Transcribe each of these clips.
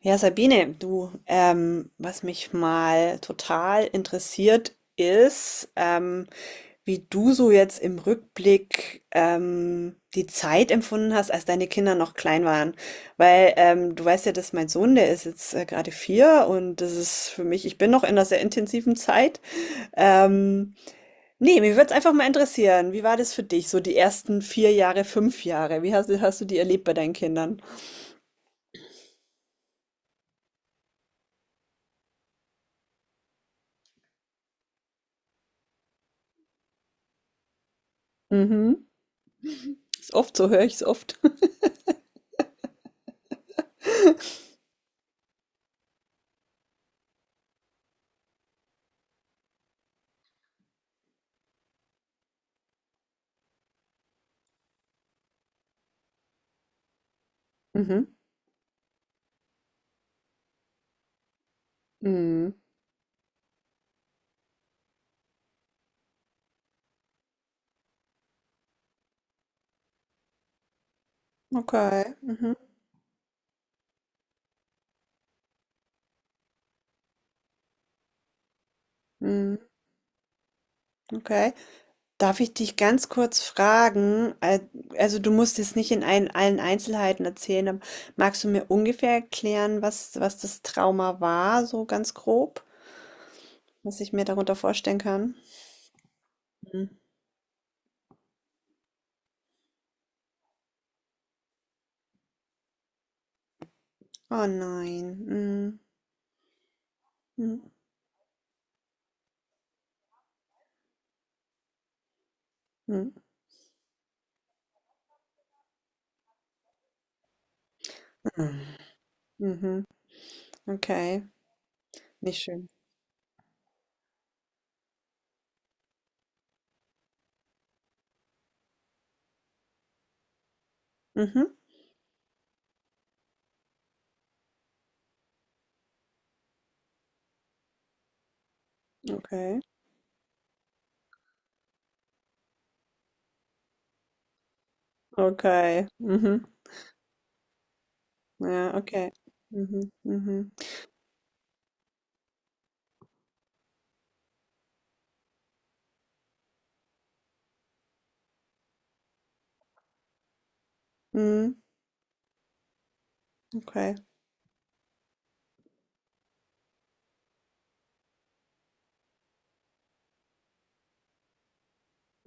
Ja, Sabine, du, was mich mal total interessiert ist, wie du so jetzt im Rückblick die Zeit empfunden hast, als deine Kinder noch klein waren. Weil du weißt ja, dass mein Sohn, der ist jetzt gerade vier und das ist für mich, ich bin noch in einer sehr intensiven Zeit. Ähm, Nee, mir würde es einfach mal interessieren, wie war das für dich, so die ersten vier Jahre, fünf Jahre? Hast du die erlebt bei deinen Kindern? Mhm. Ist oft, so höre ich es oft. Mhm. Mhm. Okay. Mhm. Mhm. Okay. Darf ich dich ganz kurz fragen? Also du musst es nicht in allen Einzelheiten erzählen, aber magst du mir ungefähr erklären, was das Trauma war, so ganz grob, was ich mir darunter vorstellen kann? Mhm. Oh nein. Mhm. Mhm. Mhm. Mhm. Okay. Nicht schön. Mhm. Okay. Okay. Mhm. Ja, okay. Mhm. Mhm. Mhm. Okay.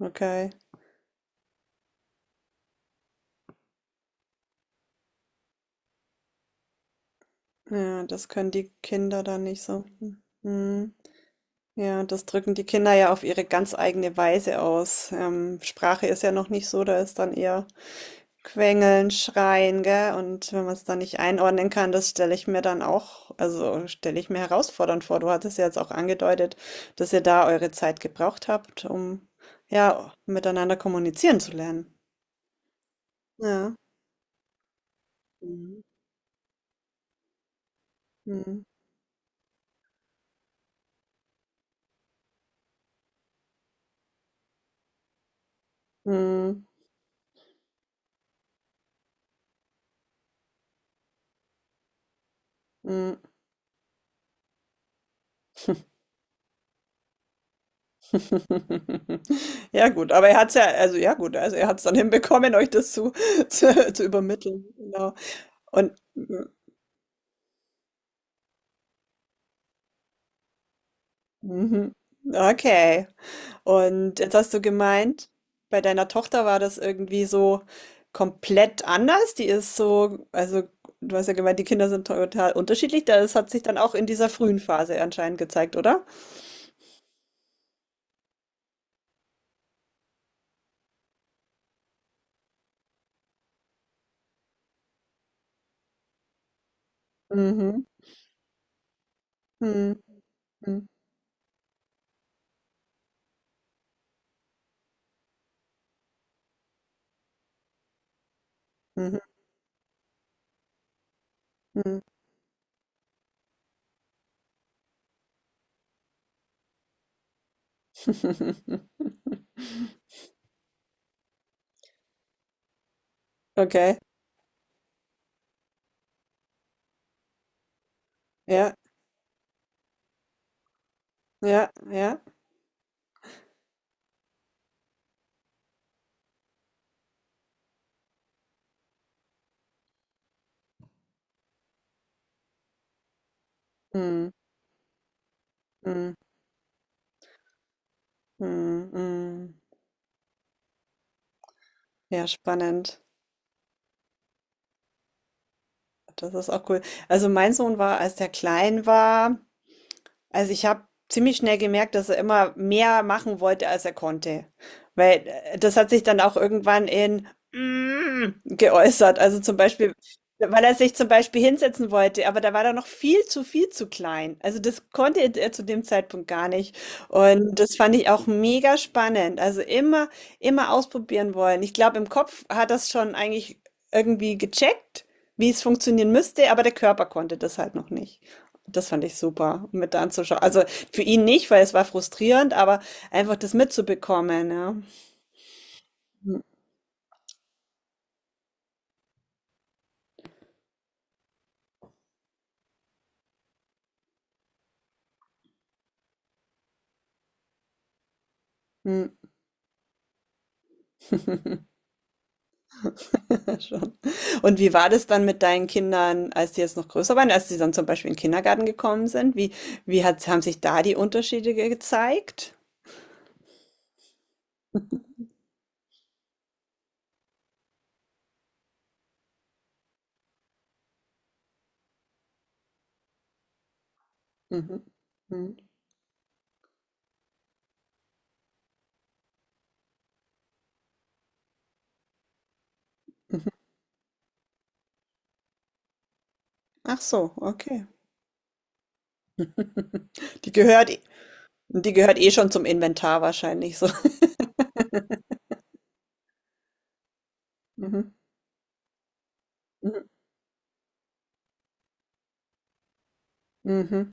Okay. Ja, das können die Kinder dann nicht so. Hm. Hm. Ja, das drücken die Kinder ja auf ihre ganz eigene Weise aus. Sprache ist ja noch nicht so, da ist dann eher Quengeln, Schreien, gell? Und wenn man es dann nicht einordnen kann, das stelle ich mir dann auch, also stelle ich mir herausfordernd vor. Du hattest ja jetzt auch angedeutet, dass ihr da eure Zeit gebraucht habt, um ja miteinander kommunizieren zu lernen. Ja. Mhm. Mhm. Mhm. Mhm. Ja gut, aber er hat's ja also ja gut, also er hat's dann hinbekommen, euch das zu zu übermitteln, genau. Und mhm, okay. Und jetzt hast du gemeint, bei deiner Tochter war das irgendwie so komplett anders. Die ist so also du hast ja gemeint, die Kinder sind total unterschiedlich. Das hat sich dann auch in dieser frühen Phase anscheinend gezeigt, oder? Mhm. Mhm. Mhm. Mhm. Mhm. Okay. Ja. Ja. Ja. Mhm, mhm, mhm, mhm. Ja, spannend. Das ist auch cool. Also mein Sohn war, als der klein war, Also, ich habe ziemlich schnell gemerkt, dass er immer mehr machen wollte, als er konnte. Weil, das hat sich dann auch irgendwann in "Mm" geäußert. Also, zum Beispiel, weil er sich zum Beispiel hinsetzen wollte, aber da war er noch viel zu klein. Also, das konnte er zu dem Zeitpunkt gar nicht. Und das fand ich auch mega spannend. Also, immer ausprobieren wollen. Ich glaube, im Kopf hat das schon eigentlich irgendwie gecheckt, wie es funktionieren müsste, aber der Körper konnte das halt noch nicht. Das fand ich super um mit anzuschauen. Also für ihn nicht, weil es war frustrierend, aber einfach das mitzubekommen, ja. Hm. Schon. Und wie war das dann mit deinen Kindern, als die jetzt noch größer waren, als sie dann zum Beispiel in den Kindergarten gekommen sind? Wie hat, haben sich da die Unterschiede gezeigt? Mhm. Mhm. Mhm. Ach so, okay. Die gehört, eh- die gehört eh schon zum Inventar wahrscheinlich so. Mhm. Mhm. Mhm.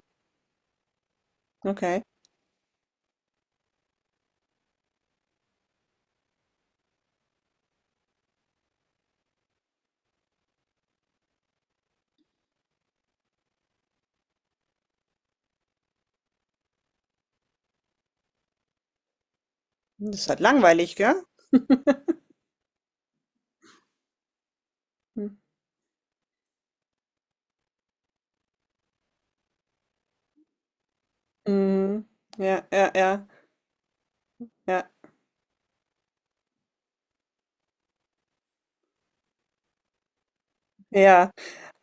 Okay. Das ist halt langweilig, gell? Mhm. Ja, ja, ja, ja, ja.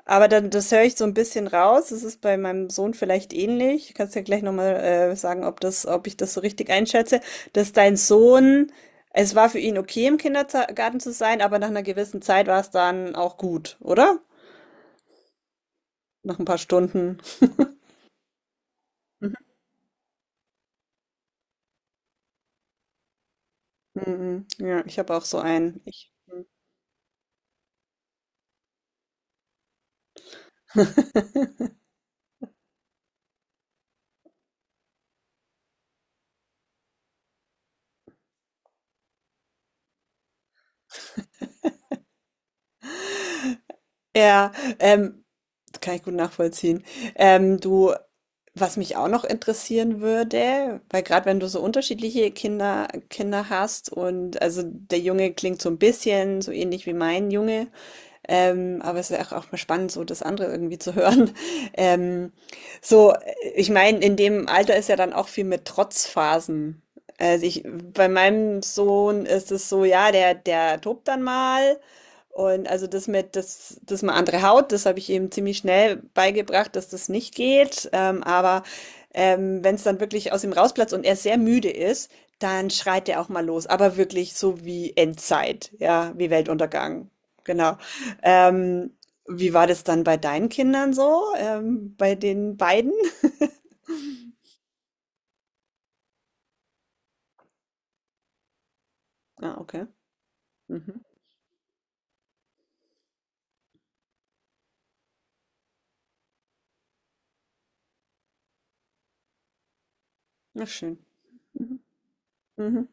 Aber dann, das höre ich so ein bisschen raus. Es ist bei meinem Sohn vielleicht ähnlich. Du kannst ja gleich nochmal sagen, ob ich das so richtig einschätze, dass dein Sohn, es war für ihn okay, im Kindergarten zu sein, aber nach einer gewissen Zeit war es dann auch gut, oder? Nach ein paar Stunden. Mhm. Mhm. Ja, ich habe auch so einen. Ich. Ja, ähm, das kann ich gut nachvollziehen. Du, was mich auch noch interessieren würde, weil gerade wenn du so unterschiedliche Kinder hast und also der Junge klingt so ein bisschen so ähnlich wie mein Junge, aber es ist ja auch, auch mal spannend, so das andere irgendwie zu hören. Ähm, ich meine, in dem Alter ist ja dann auch viel mit Trotzphasen. Also ich, bei meinem Sohn ist es so, ja, der tobt dann mal. Und also das mal andere Haut, das habe ich ihm ziemlich schnell beigebracht, dass das nicht geht. Aber wenn es dann wirklich aus ihm rausplatzt und er sehr müde ist, dann schreit er auch mal los. Aber wirklich so wie Endzeit, ja, wie Weltuntergang. Genau. Ähm, wie war das dann bei deinen Kindern so, bei den beiden? Ah, okay. Mhm. Na schön. Mhm. Mhm.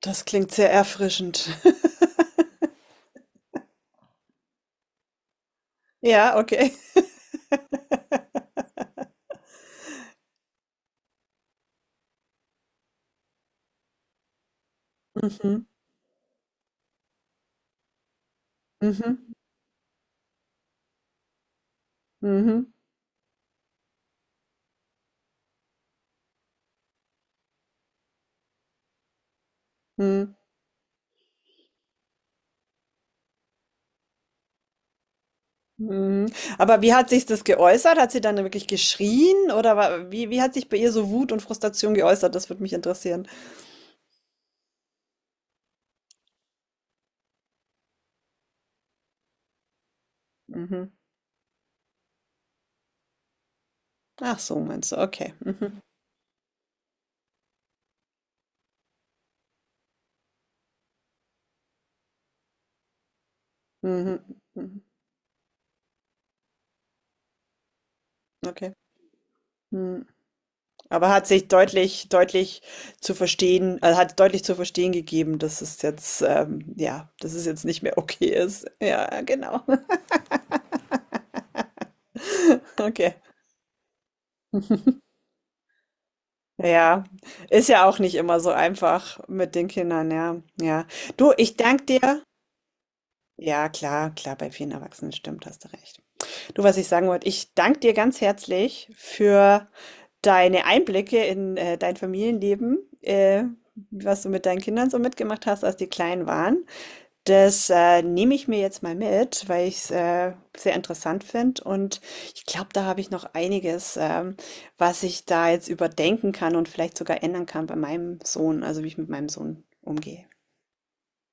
Das klingt sehr erfrischend. Ja, okay. Mhm. Mhm. Mhm. Mhm. Mhm. Aber wie hat sich das geäußert? Hat sie dann wirklich geschrien oder wie hat sich bei ihr so Wut und Frustration geäußert? Das würde mich interessieren. Mhm. Ach so, meinst du? Okay. Mhm. Mhm. Mhm. Okay. Mhm. Aber hat sich deutlich zu verstehen also, hat deutlich zu verstehen gegeben, dass es jetzt, ja, dass es jetzt nicht mehr okay ist. Ja, genau. Okay. Ja, ist ja auch nicht immer so einfach mit den Kindern, ja, ja. Du, ich danke dir ja, klar, bei vielen Erwachsenen, stimmt, hast du recht. Du, was ich sagen wollte, ich danke dir ganz herzlich für deine Einblicke in, dein Familienleben, was du mit deinen Kindern so mitgemacht hast, als die klein waren. Das, nehme ich mir jetzt mal mit, weil ich's, sehr interessant finde und ich glaube, da habe ich noch einiges, was ich da jetzt überdenken kann und vielleicht sogar ändern kann bei meinem Sohn, also wie ich mit meinem Sohn umgehe.